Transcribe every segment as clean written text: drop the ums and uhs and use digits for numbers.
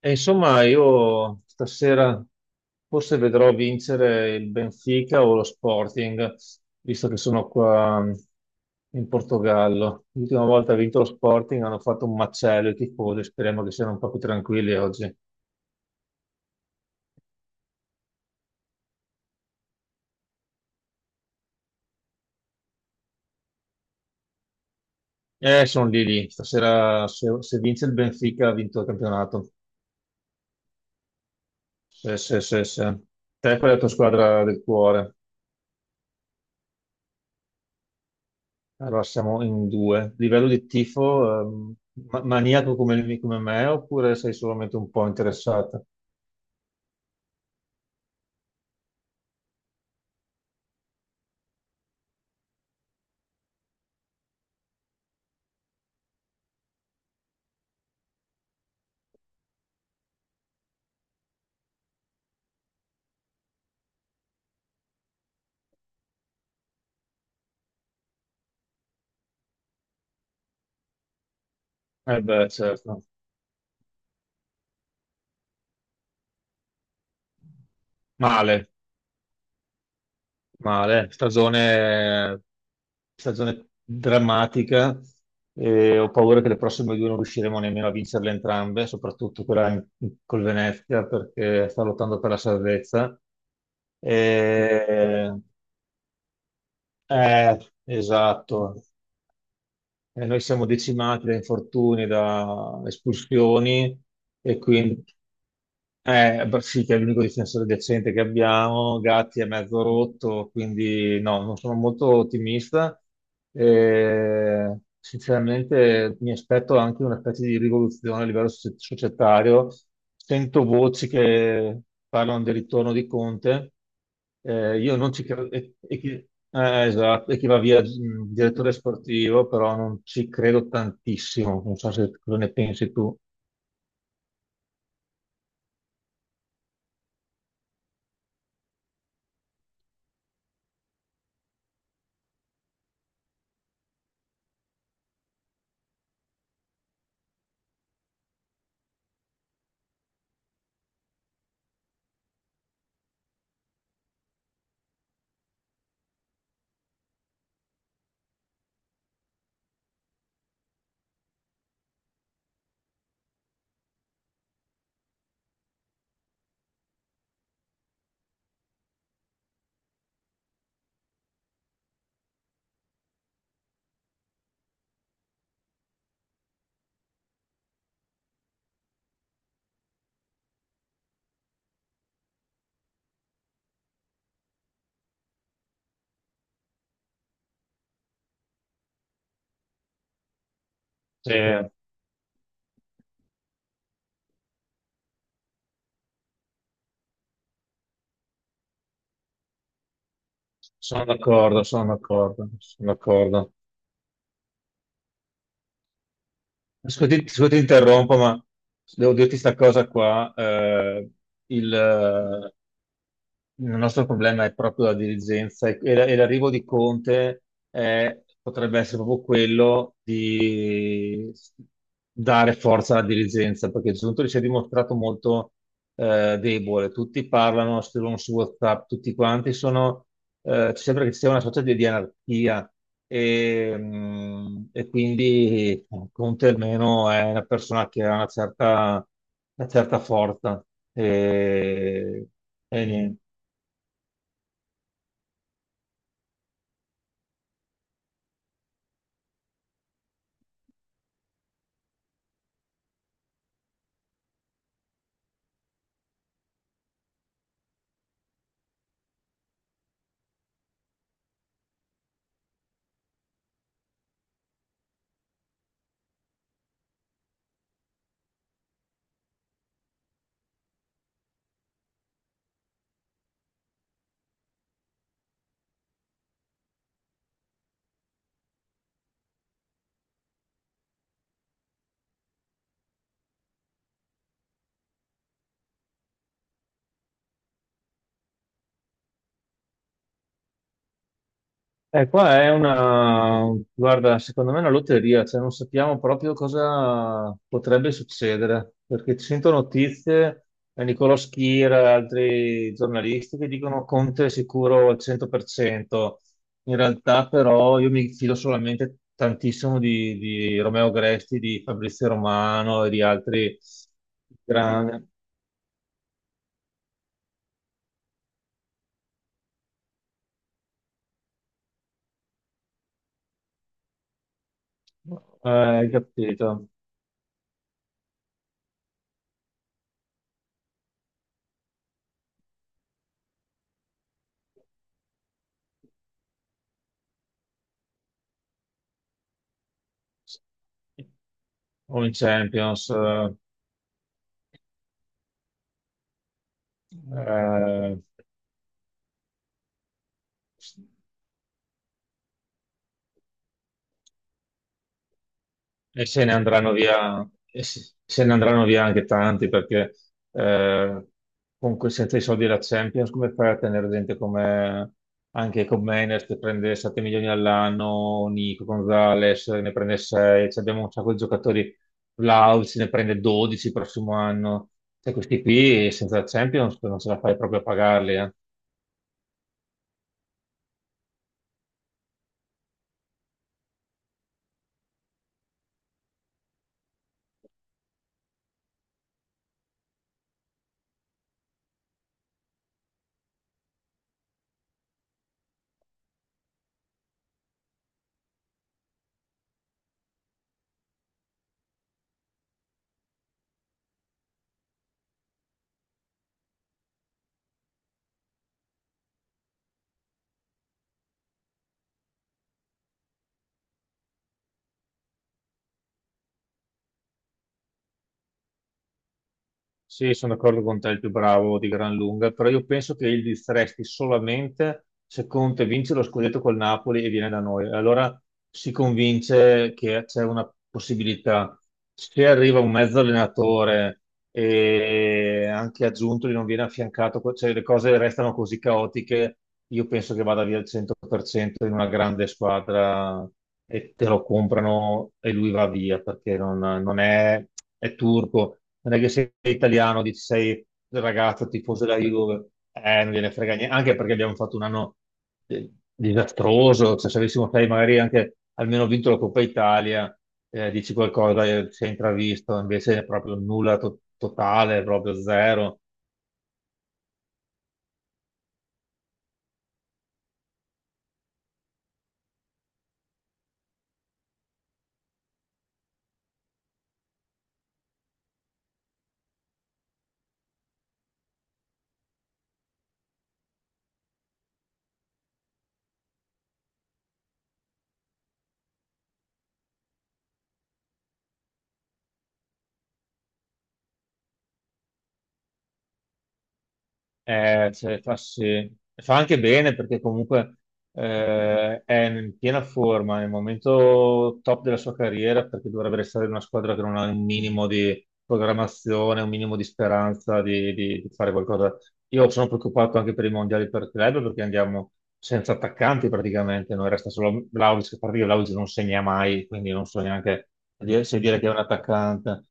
E insomma, io stasera forse vedrò vincere il Benfica o lo Sporting, visto che sono qua in Portogallo. L'ultima volta ha vinto lo Sporting, hanno fatto un macello i tifosi, speriamo che siano un po' più tranquilli oggi. Sono lì lì. Stasera se vince il Benfica ha vinto il campionato. Sì, sì, sì, sì. Te qual è la tua squadra del cuore? Allora siamo in due. Livello di tifo, maniaco come me oppure sei solamente un po' interessata? Eh beh, certo. Male, male. Stagione drammatica e ho paura che le prossime due non riusciremo nemmeno a vincerle entrambe, soprattutto quella col Venezia perché sta lottando per la salvezza. Eh, esatto. Noi siamo decimati da infortuni, da espulsioni e quindi beh, sì, che è l'unico difensore decente che abbiamo. Gatti è mezzo rotto, quindi no, non sono molto ottimista. Sinceramente, mi aspetto anche una specie di rivoluzione a livello societario. Sento voci che parlano del ritorno di Conte. Io non ci credo. E chi, esatto, e chi va via direttore sportivo, però non ci credo tantissimo. Non so se cosa ne pensi tu. Sì. Sono d'accordo, sono d'accordo, sono d'accordo. Scusi, scusi, ti interrompo, ma devo dirti questa cosa qua. Il, Il nostro problema è proprio la dirigenza e e l'arrivo di Conte potrebbe essere proprio quello di dare forza alla dirigenza, perché Giuntoli si è dimostrato molto debole. Tutti parlano, scrivono su WhatsApp, tutti quanti sono, sembra che ci sia una sorta di anarchia e quindi Conte almeno è una persona che ha una certa forza. E, e niente. Eh, qua è una, guarda, secondo me è una lotteria, cioè non sappiamo proprio cosa potrebbe succedere, perché ci sento notizie, Nicolò Schira e altri giornalisti che dicono Conte è sicuro al 100%, in realtà però io mi fido solamente tantissimo di Romeo Gresti, di Fabrizio Romano e di altri grandi, hai capito? O in Champions. eh, E se ne andranno via, e se ne andranno via anche tanti perché eh, con senza i soldi della Champions, come fai a tenere gente come anche Menes che prende 7 milioni all'anno, Nico Gonzalez ne prende 6, cioè abbiamo un sacco di giocatori, Vlahovic ne prende 12 il prossimo anno, cioè questi qui senza la Champions non ce la fai proprio a pagarli. Sì, sono d'accordo con te, il più bravo di gran lunga, però io penso che il distresti solamente se Conte vince lo scudetto col Napoli e viene da noi. Allora si convince che c'è una possibilità. Se arriva un mezzo allenatore e anche aggiunto non viene affiancato, cioè le cose restano così caotiche, io penso che vada via al 100% in una grande squadra e te lo comprano e lui va via perché non, non è, è turco, non è che sei italiano, dici sei il ragazzo tifoso della Juve, non gliene frega niente, anche perché abbiamo fatto un anno disastroso, cioè se avessimo sai, magari anche almeno vinto la Coppa Italia, dici qualcosa, si è intravisto, invece è proprio nulla totale, proprio zero. Cioè, fa, sì. Fa anche bene perché comunque è in piena forma, è il momento top della sua carriera perché dovrebbe restare in una squadra che non ha un minimo di programmazione, un minimo di speranza di fare qualcosa. Io sono preoccupato anche per i mondiali per club perché andiamo senza attaccanti praticamente, noi resta solo Vlahovic, che a parte che Vlahovic non segna mai, quindi non so neanche se dire che è un attaccante.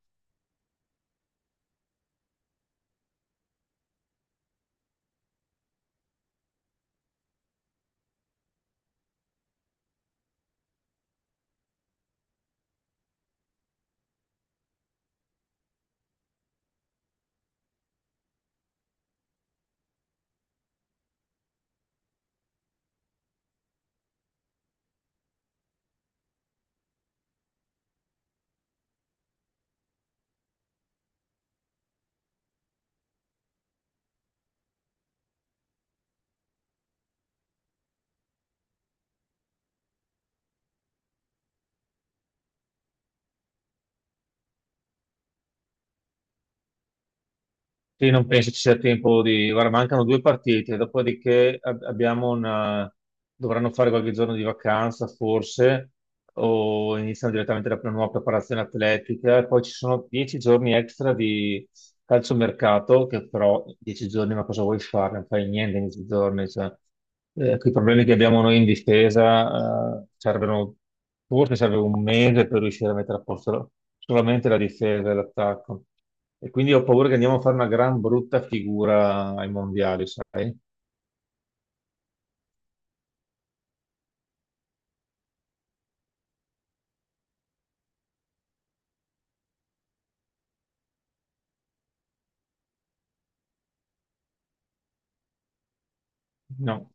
Sì, non penso ci sia tempo di. Guarda, mancano due partite, dopodiché abbiamo una. Dovranno fare qualche giorno di vacanza, forse, o iniziano direttamente la nuova preparazione atletica, e poi ci sono 10 giorni extra calciomercato, che però 10 giorni, ma cosa vuoi fare? Non fai niente in 10 giorni. Cioè, con i problemi che abbiamo noi in difesa, forse serve un mese per riuscire a mettere a posto solamente la difesa e l'attacco. E quindi ho paura che andiamo a fare una gran brutta figura ai mondiali, sai? No.